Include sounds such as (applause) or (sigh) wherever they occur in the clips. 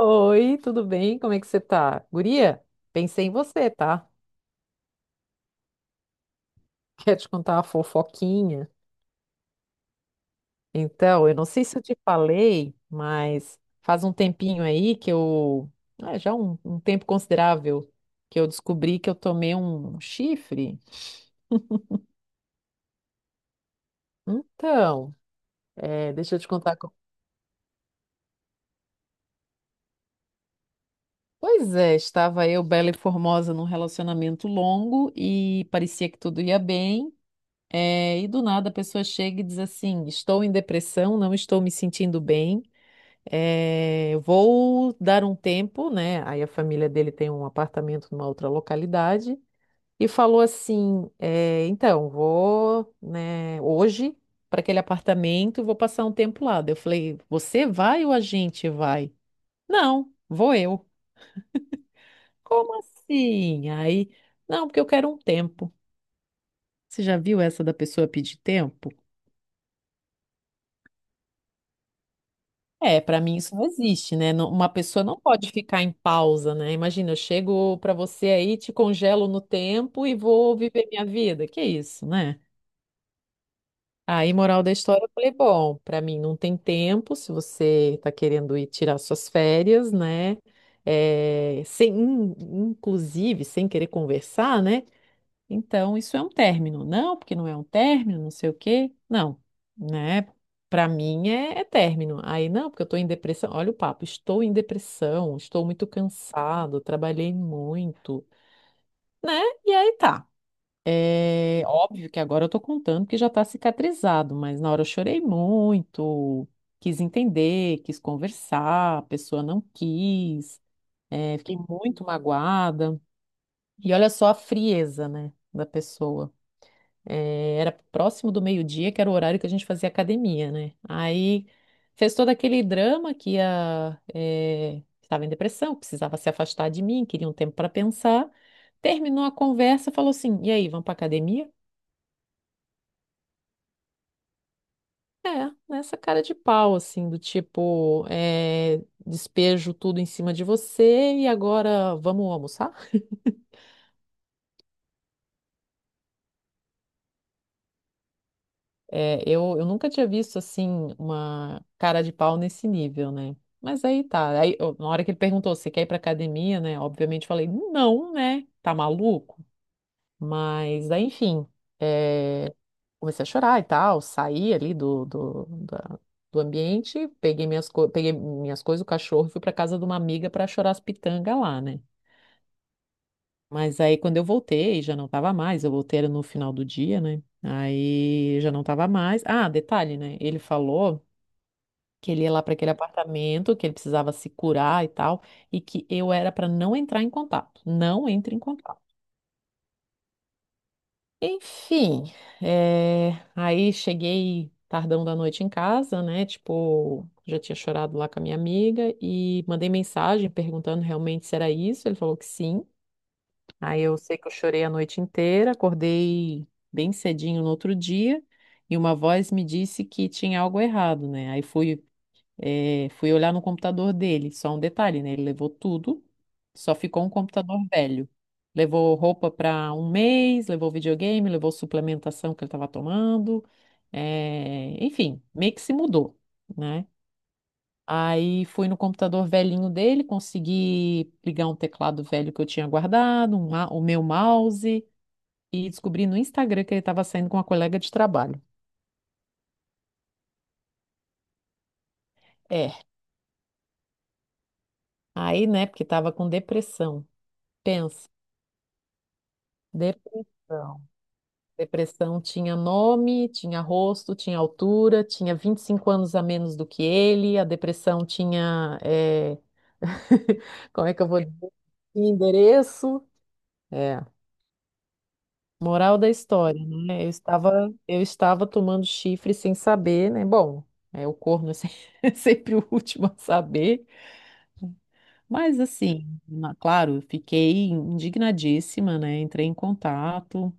Oi, tudo bem? Como é que você tá? Guria, pensei em você, tá? (laughs) Quer te contar uma fofoquinha? Então, eu não sei se eu te falei, mas faz um tempinho aí que eu. Já um tempo considerável que eu descobri que eu tomei um chifre. Então, é, deixa eu te contar. Pois é, estava eu, bela e formosa, num relacionamento longo e parecia que tudo ia bem. É, e do nada a pessoa chega e diz assim: estou em depressão, não estou me sentindo bem, é, vou dar um tempo, né? Aí a família dele tem um apartamento numa outra localidade e falou assim: é, então, vou, né, hoje para aquele apartamento e vou passar um tempo lá. Daí eu falei: você vai ou a gente vai? Não, vou eu. Como assim? Aí, não, porque eu quero um tempo. Você já viu essa da pessoa pedir tempo? É, para mim isso não existe, né? Não. Uma pessoa não pode ficar em pausa, né? Imagina, eu chego para você aí, te congelo no tempo e vou viver minha vida. Que isso, né? Aí, moral da história, eu falei, bom, para mim não tem tempo, se você tá querendo ir tirar suas férias, né? É, sem, inclusive, sem querer conversar, né? Então, isso é um término. Não, porque não é um término, não sei o quê. Não, né? Para mim é término. Aí, não, porque eu estou em depressão. Olha o papo, estou em depressão, estou muito cansado, trabalhei muito, né? E aí tá. É óbvio que agora eu tô contando que já tá cicatrizado, mas na hora eu chorei muito, quis entender, quis conversar, a pessoa não quis, é, fiquei muito magoada. E olha só a frieza, né, da pessoa era próximo do meio-dia, que era o horário que a gente fazia academia, né? Aí fez todo aquele drama que estava em depressão, precisava se afastar de mim, queria um tempo para pensar. Terminou a conversa, falou assim: e aí, vamos para academia? É, nessa cara de pau, assim, do tipo, eh, despejo tudo em cima de você e agora vamos almoçar? É, eu nunca tinha visto assim uma cara de pau nesse nível, né? Mas aí tá. Aí, eu. Na hora que ele perguntou se quer ir pra academia, né? Obviamente eu falei, não, né? Tá maluco? Mas aí, enfim, é, comecei a chorar e tal, saí ali do ambiente, peguei minhas coisas, o cachorro, e fui pra casa de uma amiga pra chorar as pitangas lá, né? Mas aí quando eu voltei, já não tava mais, eu voltei era no final do dia, né? Aí já não tava mais. Ah, detalhe, né? Ele falou que ele ia lá para aquele apartamento, que ele precisava se curar e tal, e que eu era para não entrar em contato. Não entre em contato. Enfim, aí cheguei tardão da noite em casa, né? Tipo, já tinha chorado lá com a minha amiga e mandei mensagem perguntando realmente se era isso. Ele falou que sim. Aí eu sei que eu chorei a noite inteira, acordei bem cedinho no outro dia e uma voz me disse que tinha algo errado, né? Aí fui, fui olhar no computador dele. Só um detalhe, né? Ele levou tudo, só ficou um computador velho. Levou roupa para um mês, levou videogame, levou suplementação que ele estava tomando, enfim, meio que se mudou, né? Aí fui no computador velhinho dele, consegui ligar um teclado velho que eu tinha guardado, o meu mouse, e descobri no Instagram que ele estava saindo com uma colega de trabalho. É, aí, né, porque estava com depressão. Pensa, depressão. Depressão tinha nome, tinha rosto, tinha altura, tinha 25 anos a menos do que ele, a depressão tinha, é, (laughs) como é que eu vou dizer? Endereço. É. Moral da história, né? Eu estava tomando chifre sem saber, né? Bom, é, o corno (laughs) é sempre o último a saber, mas assim, claro, fiquei indignadíssima, né? Entrei em contato,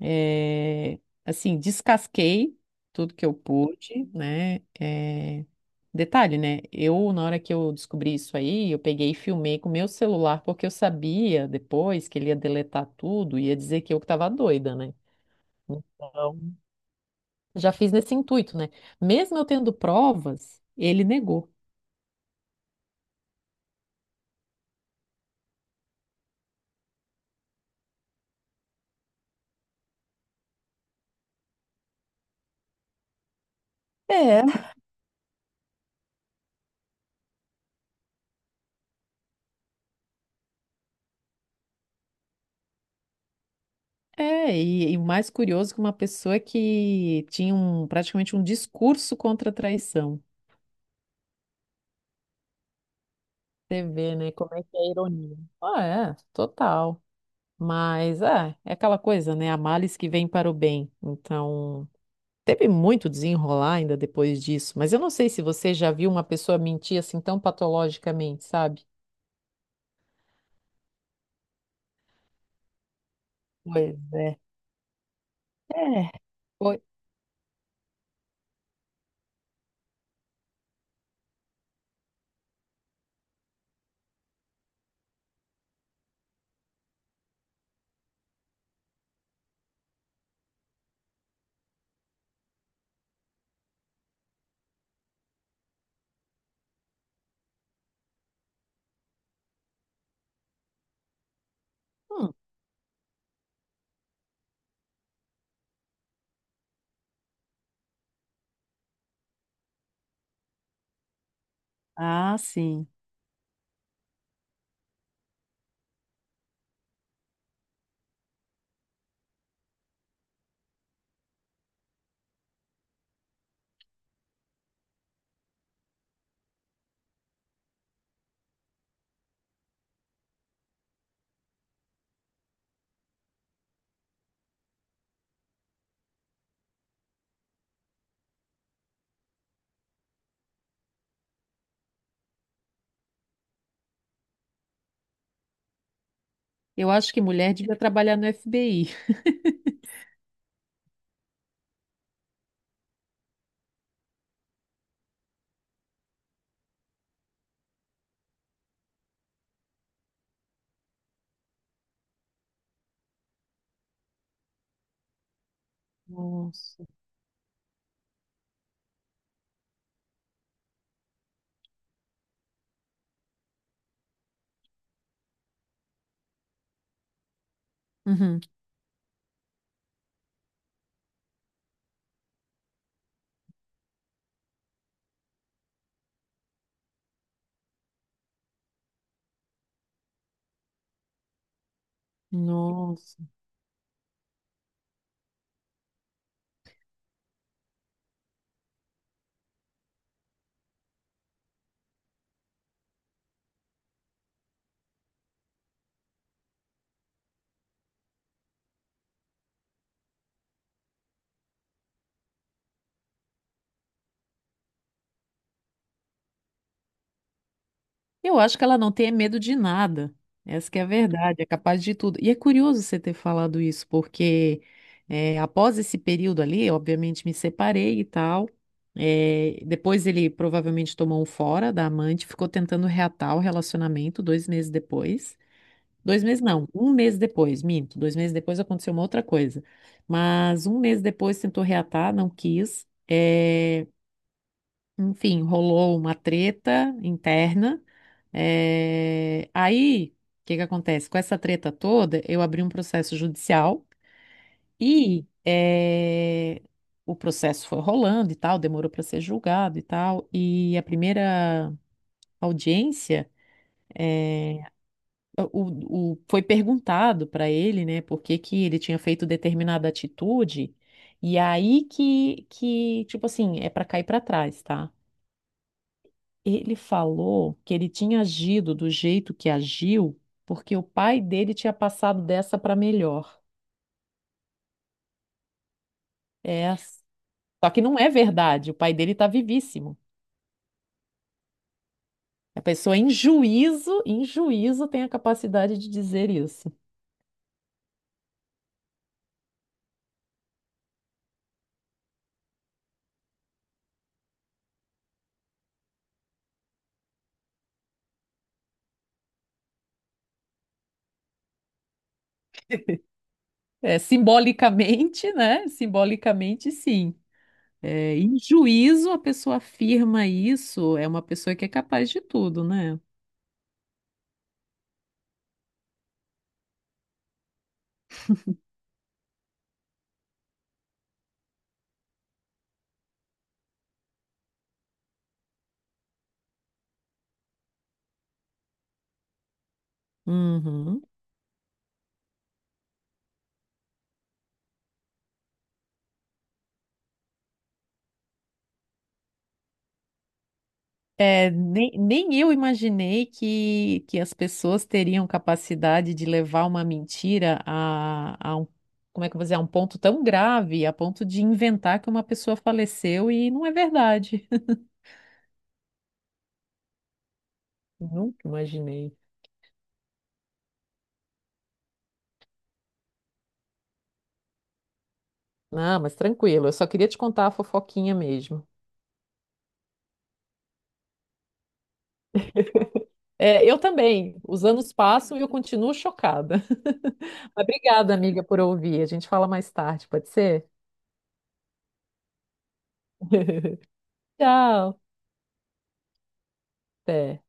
é, assim, descasquei tudo que eu pude, né? É, detalhe, né? Eu, na hora que eu descobri isso aí, eu peguei e filmei com o meu celular, porque eu sabia depois que ele ia deletar tudo, ia dizer que eu que estava doida, né? Então já fiz nesse intuito, né? Mesmo eu tendo provas, ele negou. É. É, e o mais curioso é que uma pessoa que tinha um, praticamente um discurso contra a traição. Você vê, né, como é que é a ironia. Ah, é, total. Mas é, aquela coisa, né? Há males que vêm para o bem. Então, teve muito desenrolar ainda depois disso. Mas eu não sei se você já viu uma pessoa mentir assim tão patologicamente, sabe? Pois é. É. Foi. Hum. Ah, sim. Eu acho que mulher devia trabalhar no FBI. Nossa. Uhum. Nossa. Eu acho que ela não tem medo de nada. Essa que é a verdade, é capaz de tudo. E é curioso você ter falado isso, porque após esse período ali, obviamente me separei e tal. Depois ele provavelmente tomou um fora da amante, ficou tentando reatar o relacionamento 2 meses depois. Dois meses não, um mês depois, minto. 2 meses depois aconteceu uma outra coisa. Mas um mês depois tentou reatar, não quis. É, enfim, rolou uma treta interna. É, Aí, o que que acontece? Com essa treta toda, eu abri um processo judicial e o processo foi rolando e tal, demorou para ser julgado e tal. E a primeira audiência. Foi perguntado para ele, né, por que que ele tinha feito determinada atitude, e aí que tipo assim, é para cair para trás, tá? Ele falou que ele tinha agido do jeito que agiu porque o pai dele tinha passado dessa para melhor. É, só que não é verdade, o pai dele tá vivíssimo. A pessoa em juízo tem a capacidade de dizer isso. É, simbolicamente, né? Simbolicamente, sim. É, em juízo, a pessoa afirma isso, é uma pessoa que é capaz de tudo, né? Uhum. É, nem eu imaginei que, as pessoas teriam capacidade de levar uma mentira a um, como é que eu vou dizer, a um ponto tão grave, a ponto de inventar que uma pessoa faleceu e não é verdade. (laughs) Nunca imaginei. Não, mas tranquilo, eu só queria te contar a fofoquinha mesmo. É, eu também. Os anos passam e eu continuo chocada. (laughs) Mas obrigada, amiga, por ouvir. A gente fala mais tarde, pode ser? (laughs) Tchau. Até.